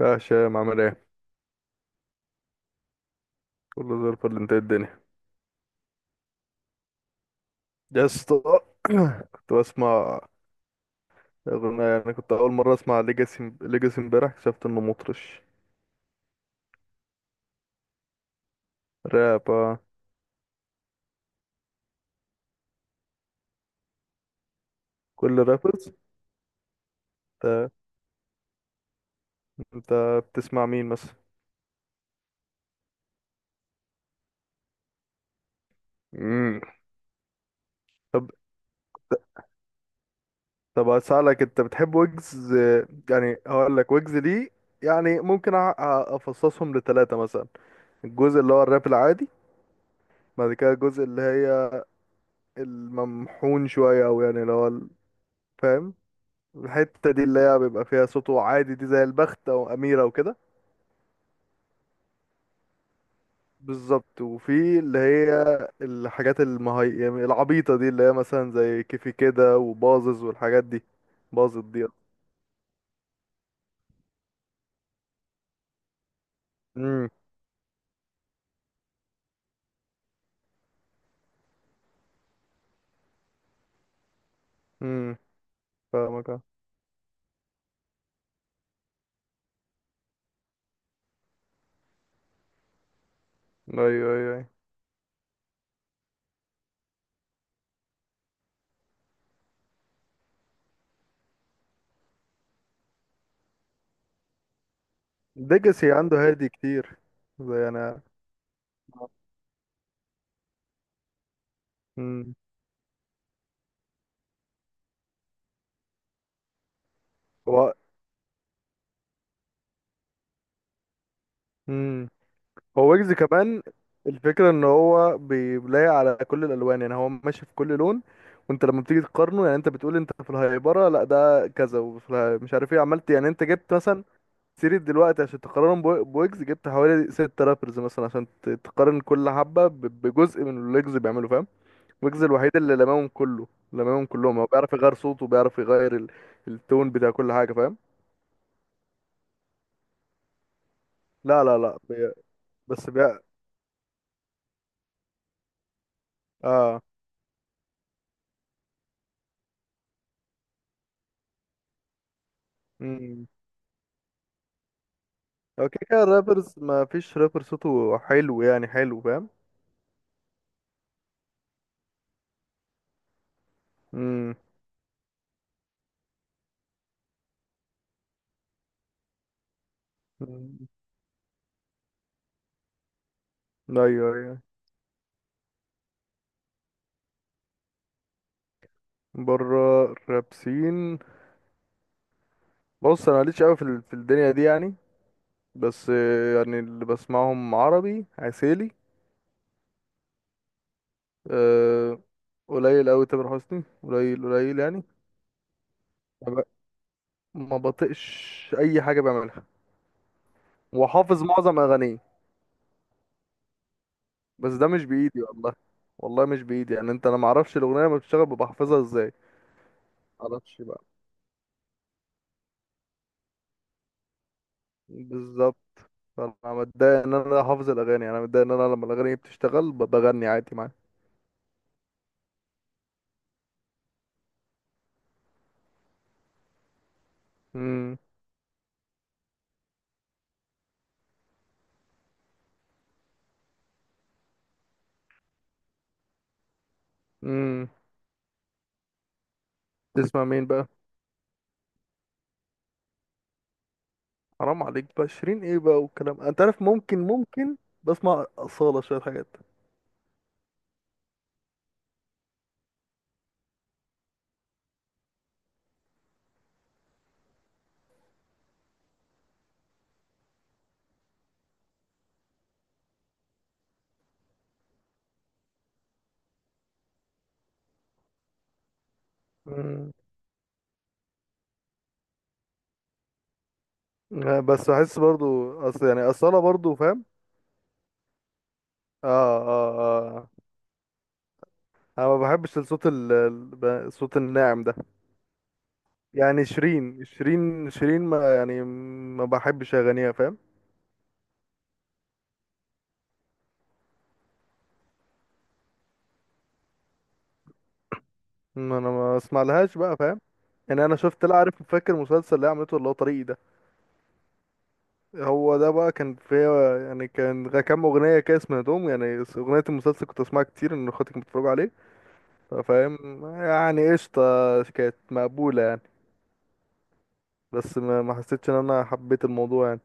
يا هشام عامل ايه؟ كله زي الفل، انت ايه الدنيا؟ يا اسطى. كنت بسمع اغنية، انا كنت اول مرة اسمع ليجاسي. ليجاسي امبارح اكتشفت انه مطرش. راب، اه. كل رابرز. انت انت بتسمع مين مثلا؟ مم. طب طب هسألك، انت بتحب ويجز؟ اه، يعني هقول لك ويجز دي، يعني ممكن افصصهم لثلاثة مثلا. الجزء اللي هو الراب العادي، بعد كده الجزء اللي هي الممحون شوية، او يعني اللي هو فاهم؟ الحتة دي اللي هي بيبقى فيها صوته عادي دي، زي البخت أو أميرة وكده. بالظبط. وفي اللي هي الحاجات يعني العبيطة دي اللي هي مثلا زي كيفي كده وبازز والحاجات دي. باظت دي. امم. امم. فاهمك، اه. ايوه، ايوه، ايوه. ديجاسي عنده هادي كتير. زي انا. امم. هو هو ويجز كمان. الفكرة ان هو بيلاقي على كل الالوان، يعني هو ماشي في كل لون. وانت لما بتيجي تقارنه، يعني انت بتقول انت في الهيبرة لا ده كذا، مش عارف ايه عملت، يعني انت جبت مثلا سيرة دلوقتي عشان تقارنهم بويجز، جبت حوالي ست رابرز مثلا عشان تقارن كل حبة بجزء من اللي ويجز بيعمله، فاهم؟ ويجز الوحيد اللي لمامهم كله لمامهم كلهم، هو بيعرف يغير صوته وبيعرف يغير التون بتاع كل حاجة، فاهم؟ لا، لا، لا، بس اه. هو كده كده الرابرز، ما فيش رابر صوته حلو، يعني حلو، فاهم؟ امم. أمم. ايوه، ايوه. بره الرابسين. بص، انا ماليش قوي في الدنيا دي يعني. بس يعني اللي بسمعهم عربي عسيلي. أه. قليل قوي تامر حسني، قليل قليل يعني. ما ب- ما بطقش اي حاجه بعملها. وحافظ معظم اغانيه. بس ده مش بايدي والله. والله مش بايدي، يعني انا ما اعرفش الاغنيه لما بتشتغل ببقى حافظها ازاي. معرفش بقى. بالظبط. انا متضايق ان انا حافظ الاغاني، انا متضايق ان انا لما الاغاني بتشتغل بغني عادي معاها. امم. امم. تسمع مين بقى؟ حرام عليك بقى، شيرين ايه بقى والكلام، انت عارف، ممكن. بسمع اصاله شويه حاجات. امم، بس احس برضو اصل يعني اصاله برضو، فاهم؟ اه، اه، اه. انا ما بحبش الصوت الناعم ده. يعني شيرين، ما يعني ما بحبش اغانيها، فاهم؟ ما انا ما اسمع لهاش بقى، فاهم؟ يعني انا شفت، لا، عارف فاكر المسلسل اللي هي عملته اللي هو طريقي ده. هو ده بقى كان فيه، يعني كان كام اغنيه كده سمعتهم يعني اغنيه المسلسل كنت اسمعها كتير ان اخواتي كانوا بيتفرجوا عليه. فاهم؟ يعني قشطه. كانت مقبوله يعني. بس ما حسيتش ان انا حبيت الموضوع يعني.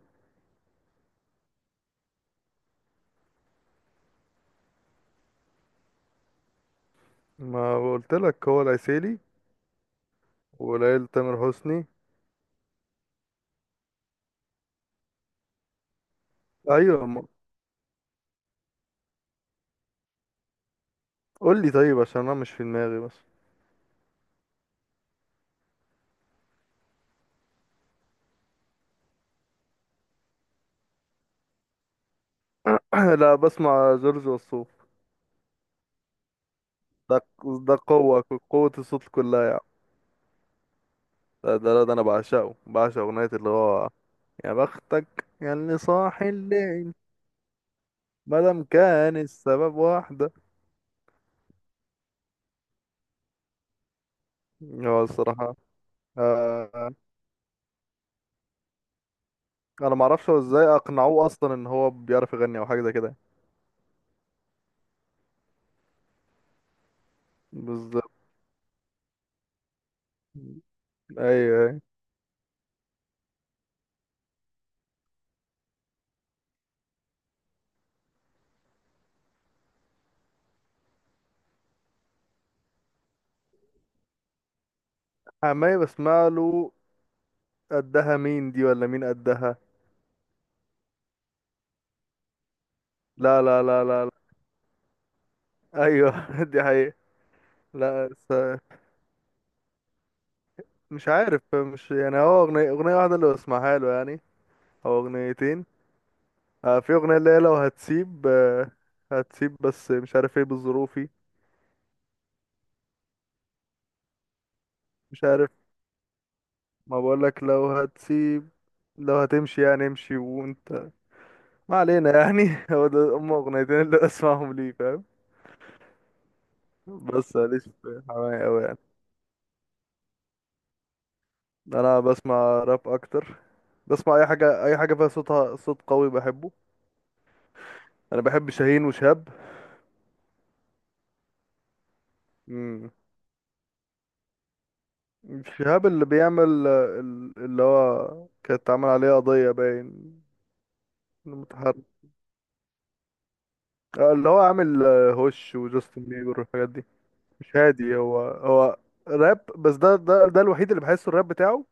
ما قلت لك هو العسيلي. وليال تامر حسني. ايوه، قول لي طيب عشان انا مش في دماغي بس. لا، بسمع جورج وسوف. ده ده قوة، قوة الصوت كلها يعني. ده أنا بعشقه، بعشق أغنية اللي هو يا بختك يا اللي صاحي الليل، مادام كان السبب واحدة. هو الصراحة، آه، أنا معرفش هو إزاي أقنعوه أصلا إن هو بيعرف يغني أو حاجة زي كده. بالظبط. أيوه، أيوه. حماية بسمع له. قدها مين دي ولا مين قدها؟ لا، لا، لا، لا، لا. أيوه. دي حقيقة. لا، مش عارف، مش يعني، هو أغنية واحدة اللي بسمعها له يعني، أو أغنيتين. آه، في أغنية اللي هي لو هتسيب، آه، هتسيب، بس مش عارف ايه بظروفي. مش عارف. ما بقولك، لو هتسيب، لو هتمشي يعني امشي وانت. ما علينا يعني. هو ده هم اغنيتين اللي اسمعهم ليه، فاهم؟ بس ماليش في حماية اوي يعني. انا بسمع راب اكتر. بسمع اي حاجة، اي حاجة فيها صوتها صوت قوي بحبه. انا بحب شاهين وشهاب. مم. شهاب اللي بيعمل اللي هو كانت عامل عليه قضية باين إنه متحرك، اللي هو عامل هوش وجاستن بيبر والحاجات دي. مش هادي، هو هو راب، بس ده الوحيد اللي بحسه الراب بتاعه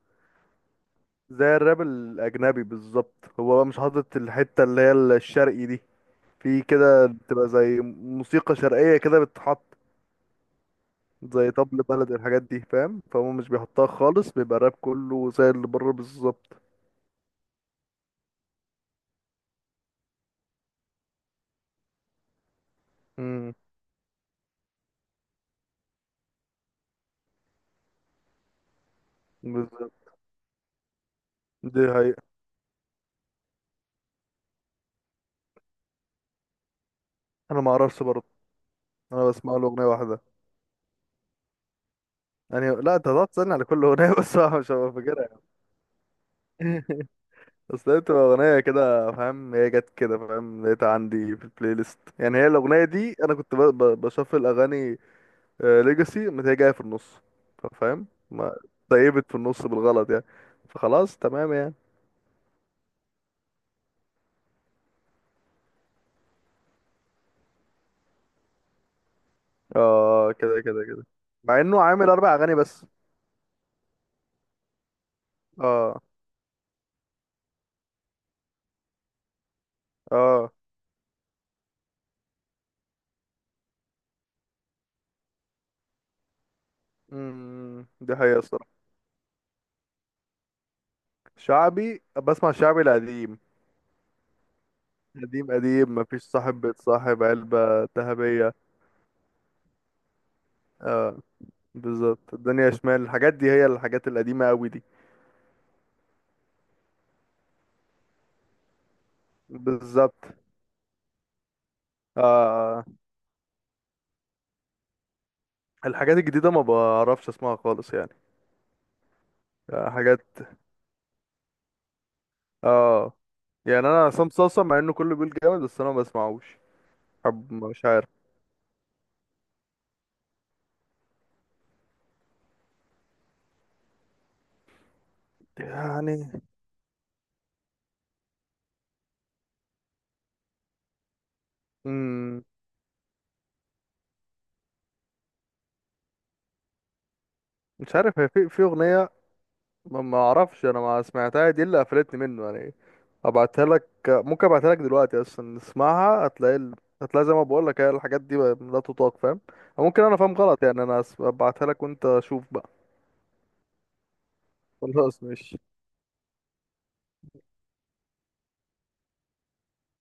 زي الراب الأجنبي بالظبط. هو بقى مش حاطط الحتة اللي هي الشرقي دي، في كده بتبقى زي موسيقى شرقية كده بتتحط، زي طبل بلد الحاجات دي فاهم، فهو مش بيحطها خالص، بيبقى الراب كله زي اللي بره بالظبط. امم. بالظبط. دي حقيقة. أنا ما أعرفش برضه. أنا بسمع له أغنية واحدة. يعني لا، أنت هتقعد تسألني على كل أغنية، بس أنا مش هبقى فاكرها. اصل هي بتبقى اغنيه كده فاهم، هي جت كده فاهم، لقيتها عندي في البلاي ليست، يعني هي الاغنيه دي انا كنت بشفل اغاني، ليجاسي ما هي جايه في النص، فاهم ما طيبت في النص بالغلط يعني، فخلاص تمام يعني. اه، كده كده كده، مع انه عامل اربع اغاني بس. اه. اه، امم، دي حقيقه الصراحه. شعبي، بسمع شعبي القديم. قديم قديم، مفيش صاحب بيتصاحب، علبه ذهبيه. آه. بالظبط، الدنيا شمال، الحاجات دي هي الحاجات القديمة قوي دي. بالظبط. آه، الحاجات الجديدة ما بعرفش اسمعها خالص يعني. آه، حاجات. اه. يعني انا عصام صاصا مع انه كله بيقول جامد بس انا ما بسمعوش. حب، مش عارف يعني. مم. مش عارف، هي في اغنية، ما اعرفش انا ما سمعتها دي اللي قفلتني منه يعني. ابعتها لك، ممكن ابعتها لك دلوقتي، اصلا اسمعها هتلاقي هتلاقي، زي ما بقول لك، هي الحاجات دي لا تطاق، فاهم؟ أو ممكن انا فاهم غلط يعني، انا ابعتها لك وانت شوف بقى. خلاص ماشي.